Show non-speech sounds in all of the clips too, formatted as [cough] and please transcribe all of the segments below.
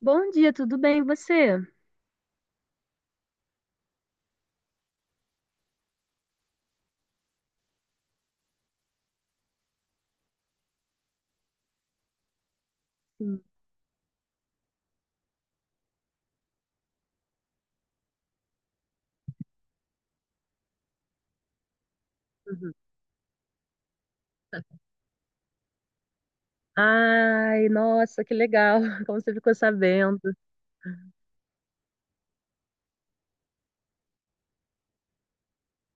Bom dia, tudo bem? E você? Hum, uhum. Ai, nossa, que legal. [laughs] Como você ficou sabendo?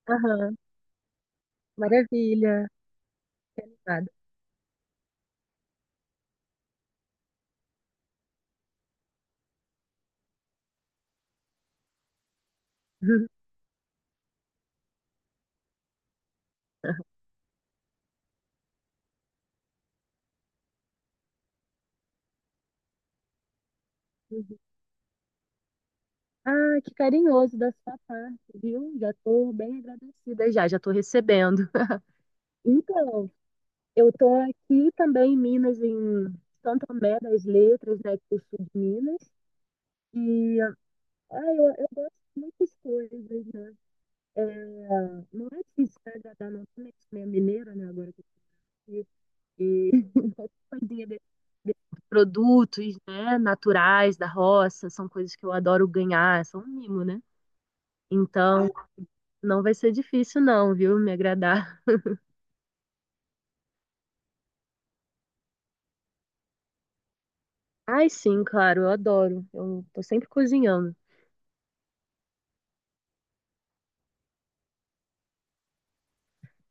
Aham, maravilha. Obrigada. [laughs] Uhum. Ah, que carinhoso da sua parte, viu? Já estou bem agradecida já, já estou recebendo. Então, eu estou aqui também em Minas, em Santo Tomé das Letras, né, que eu sou de Minas. E eu gosto de muitas coisas, né? É, não é difícil agradar, não, também, minha mineira, né, agora que eu E [laughs] a ideia de produtos, né, naturais da roça, são coisas que eu adoro ganhar, são um mimo, né? Então, não vai ser difícil não, viu? Me agradar. [laughs] Ai, sim, claro, eu adoro. Eu tô sempre cozinhando.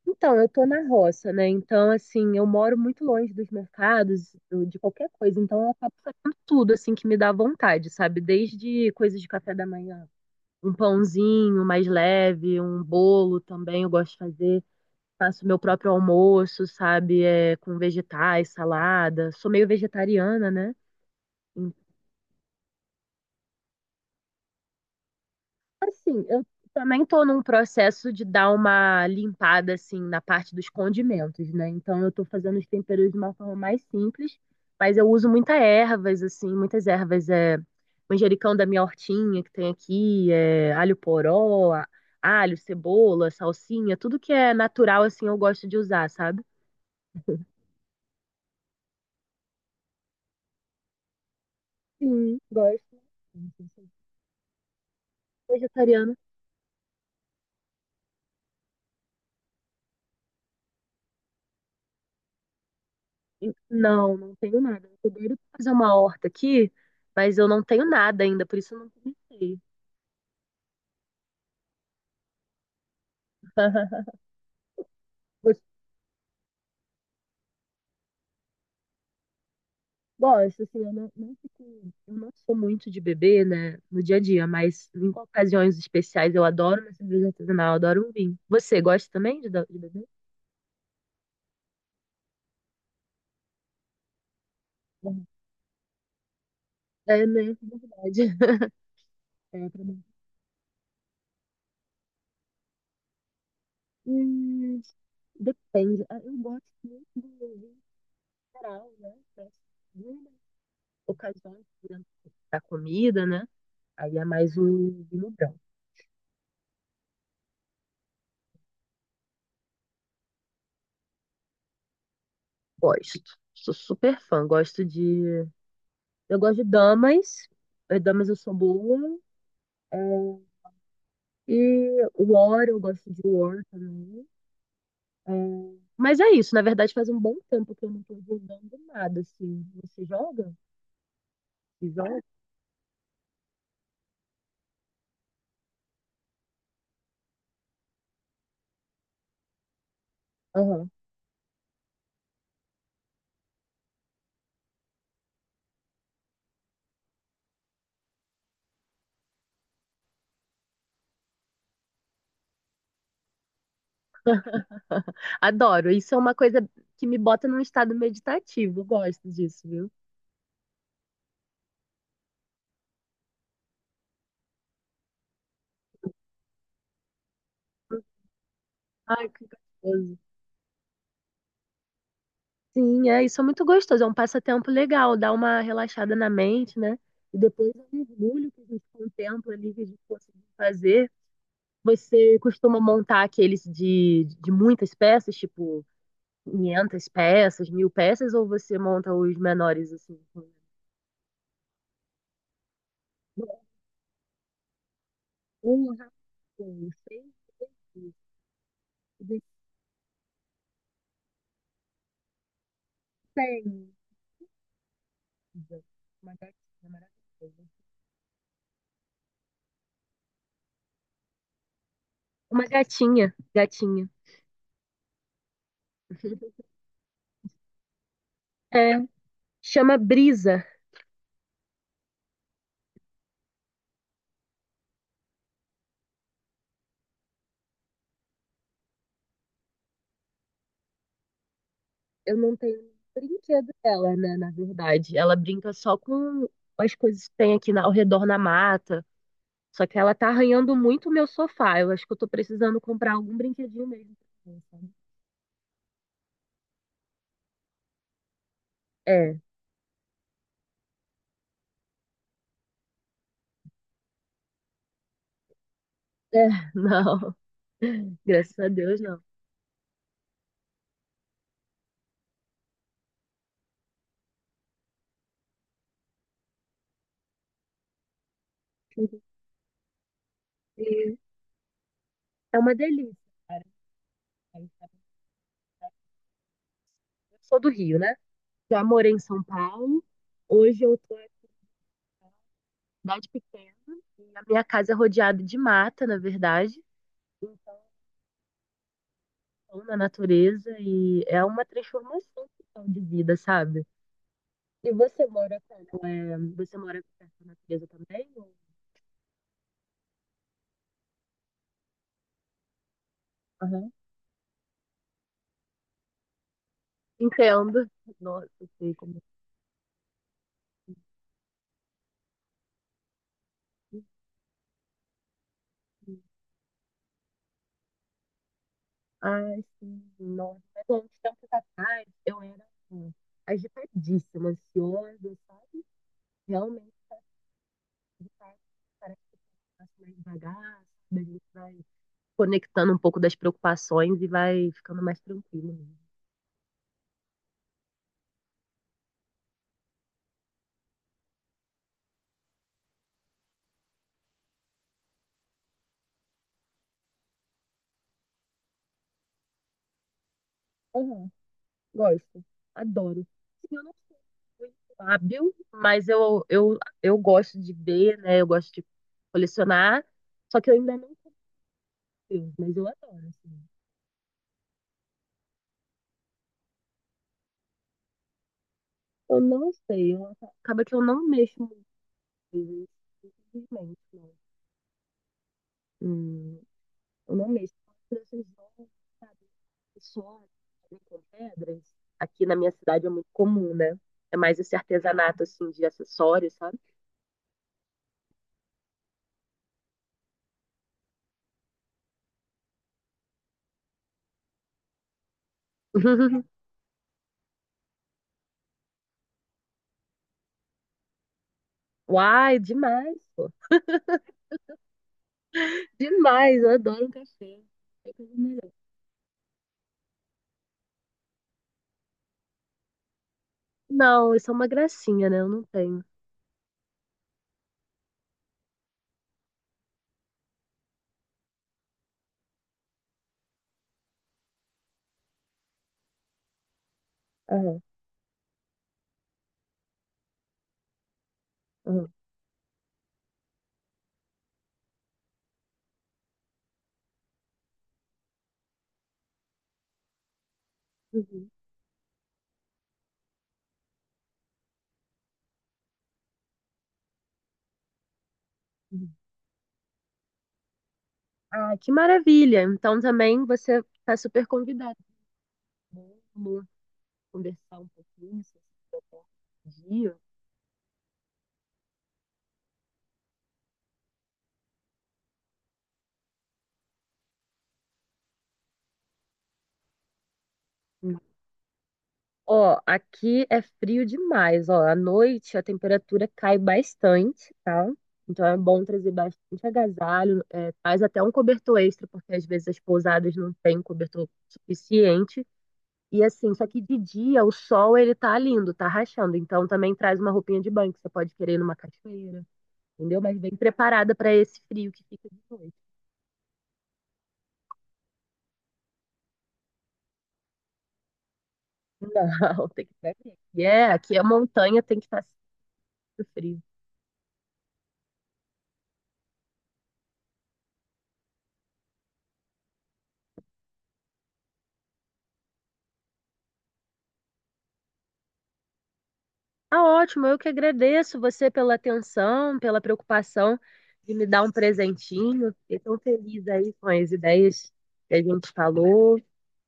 Então, eu tô na roça, né? Então, assim, eu moro muito longe dos mercados, de qualquer coisa. Então, eu acabo fazendo tudo, assim, que me dá vontade, sabe? Desde coisas de café da manhã, um pãozinho mais leve, um bolo também eu gosto de fazer. Faço meu próprio almoço, sabe? É, com vegetais, salada. Sou meio vegetariana, né? Então, assim, eu também tô num processo de dar uma limpada, assim, na parte dos condimentos, né? Então, eu tô fazendo os temperos de uma forma mais simples, mas eu uso muitas ervas, assim, muitas ervas. É, manjericão da minha hortinha que tem aqui, é, alho poró, alho, cebola, salsinha, tudo que é natural, assim, eu gosto de usar, sabe? Sim, gosto. Vegetariano. Não, não tenho nada. Eu tô doida pra fazer uma horta aqui, mas eu não tenho nada ainda, por isso eu não comecei. Eu gosto, assim, eu não, eu não sou muito de beber, né, no dia a dia, mas em ocasiões especiais eu adoro uma cerveja artesanal, eu adoro um vinho. Você gosta também de beber? Não. É, né? É verdade. [laughs] É, pra mim. Hum, depende. Ah, eu gosto muito do vinho geral, né? Mas, hum, ocasiões, por exemplo, da comida, né? Aí é mais um vinho branco. Gosto. Sou super fã. Gosto de. Eu gosto de damas. Damas eu sou boa. É, e War, eu gosto de War também. É, mas é isso. Na verdade, faz um bom tempo que eu não tô jogando nada, assim. Você joga? Você joga? Aham. [laughs] Adoro. Isso é uma coisa que me bota num estado meditativo. Eu gosto disso, viu? Ai, que gostoso. Sim, é, isso é muito gostoso, é um passatempo legal, dá uma relaxada na mente, né? E depois é um orgulho que a gente contempla ali, que a gente conseguiu fazer. Você costuma montar aqueles de muitas peças, tipo 500 peças, 1000 peças, ou você monta os menores assim? Com um rascunho, seis, desenho, uma gatinha maravilhosa. Uma gatinha, gatinha. É, chama Brisa. Eu não tenho um brinquedo dela, né? Na verdade, ela brinca só com as coisas que tem aqui ao redor na mata. Só que ela tá arranhando muito o meu sofá. Eu acho que eu tô precisando comprar algum brinquedinho mesmo pra ela, sabe? É, é, [laughs] não. Graças a Deus, não. E é uma delícia, cara. Eu sou do Rio, né? Já morei em São Paulo. Hoje eu tô em cidade pequena e a minha casa é rodeada de mata, na verdade, na natureza, e é uma transformação total de vida, sabe? E você mora como? É, você mora perto da natureza também? Ou... Aham. Entendo. Nossa, eu sei como é que- é. Ai, sim, nossa. Mas há uns tempos atrás eu era assim, agitadíssima, ansiosa, sabe? Realmente, de fato, parece que passa mais devagar, sabe? A gente vai conectando um pouco das preocupações e vai ficando mais tranquilo. Mesmo. Gosto. Adoro. Sim, eu não sou muito hábil, mas eu gosto de ver, né? Eu gosto de colecionar. Só que eu ainda não tenho, mas eu adoro, assim. Eu não sei, acaba que eu não mexo muito, né, infelizmente, não. Hum, eu não mexo. Eu gosto jogos, sabe? Só com pedras. Aqui na minha cidade é muito comum, né? É mais esse artesanato, assim, de acessórios, sabe? [laughs] Uai, demais, pô. Demais, eu adoro um café. É a coisa melhor. Não, isso é uma gracinha, né? Eu não tenho. Aham, aham. Uhum, uhum. Ah, que maravilha! Então também você está super convidado. Vamos conversar um pouquinho se você tiver dia. Hum. Ó, aqui é frio demais, ó. À noite a temperatura cai bastante, tá? Então é bom trazer bastante agasalho, é, traz até um cobertor extra, porque às vezes as pousadas não têm cobertor suficiente. E assim, só que de dia o sol ele tá lindo, tá rachando. Então também traz uma roupinha de banho que você pode querer ir numa cachoeira, entendeu? Mas bem preparada para esse frio que fica de noite. Não, [laughs] tem que estar frio. E é, aqui a montanha tem que estar sempre frio. Ah, ótimo, eu que agradeço você pela atenção, pela preocupação de me dar um presentinho. Fiquei tão feliz aí com as ideias que a gente falou.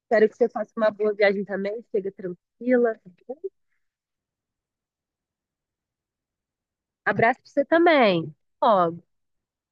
Espero que você faça uma boa viagem também, chega tranquila. Tá. Abraço pra você também. Ó,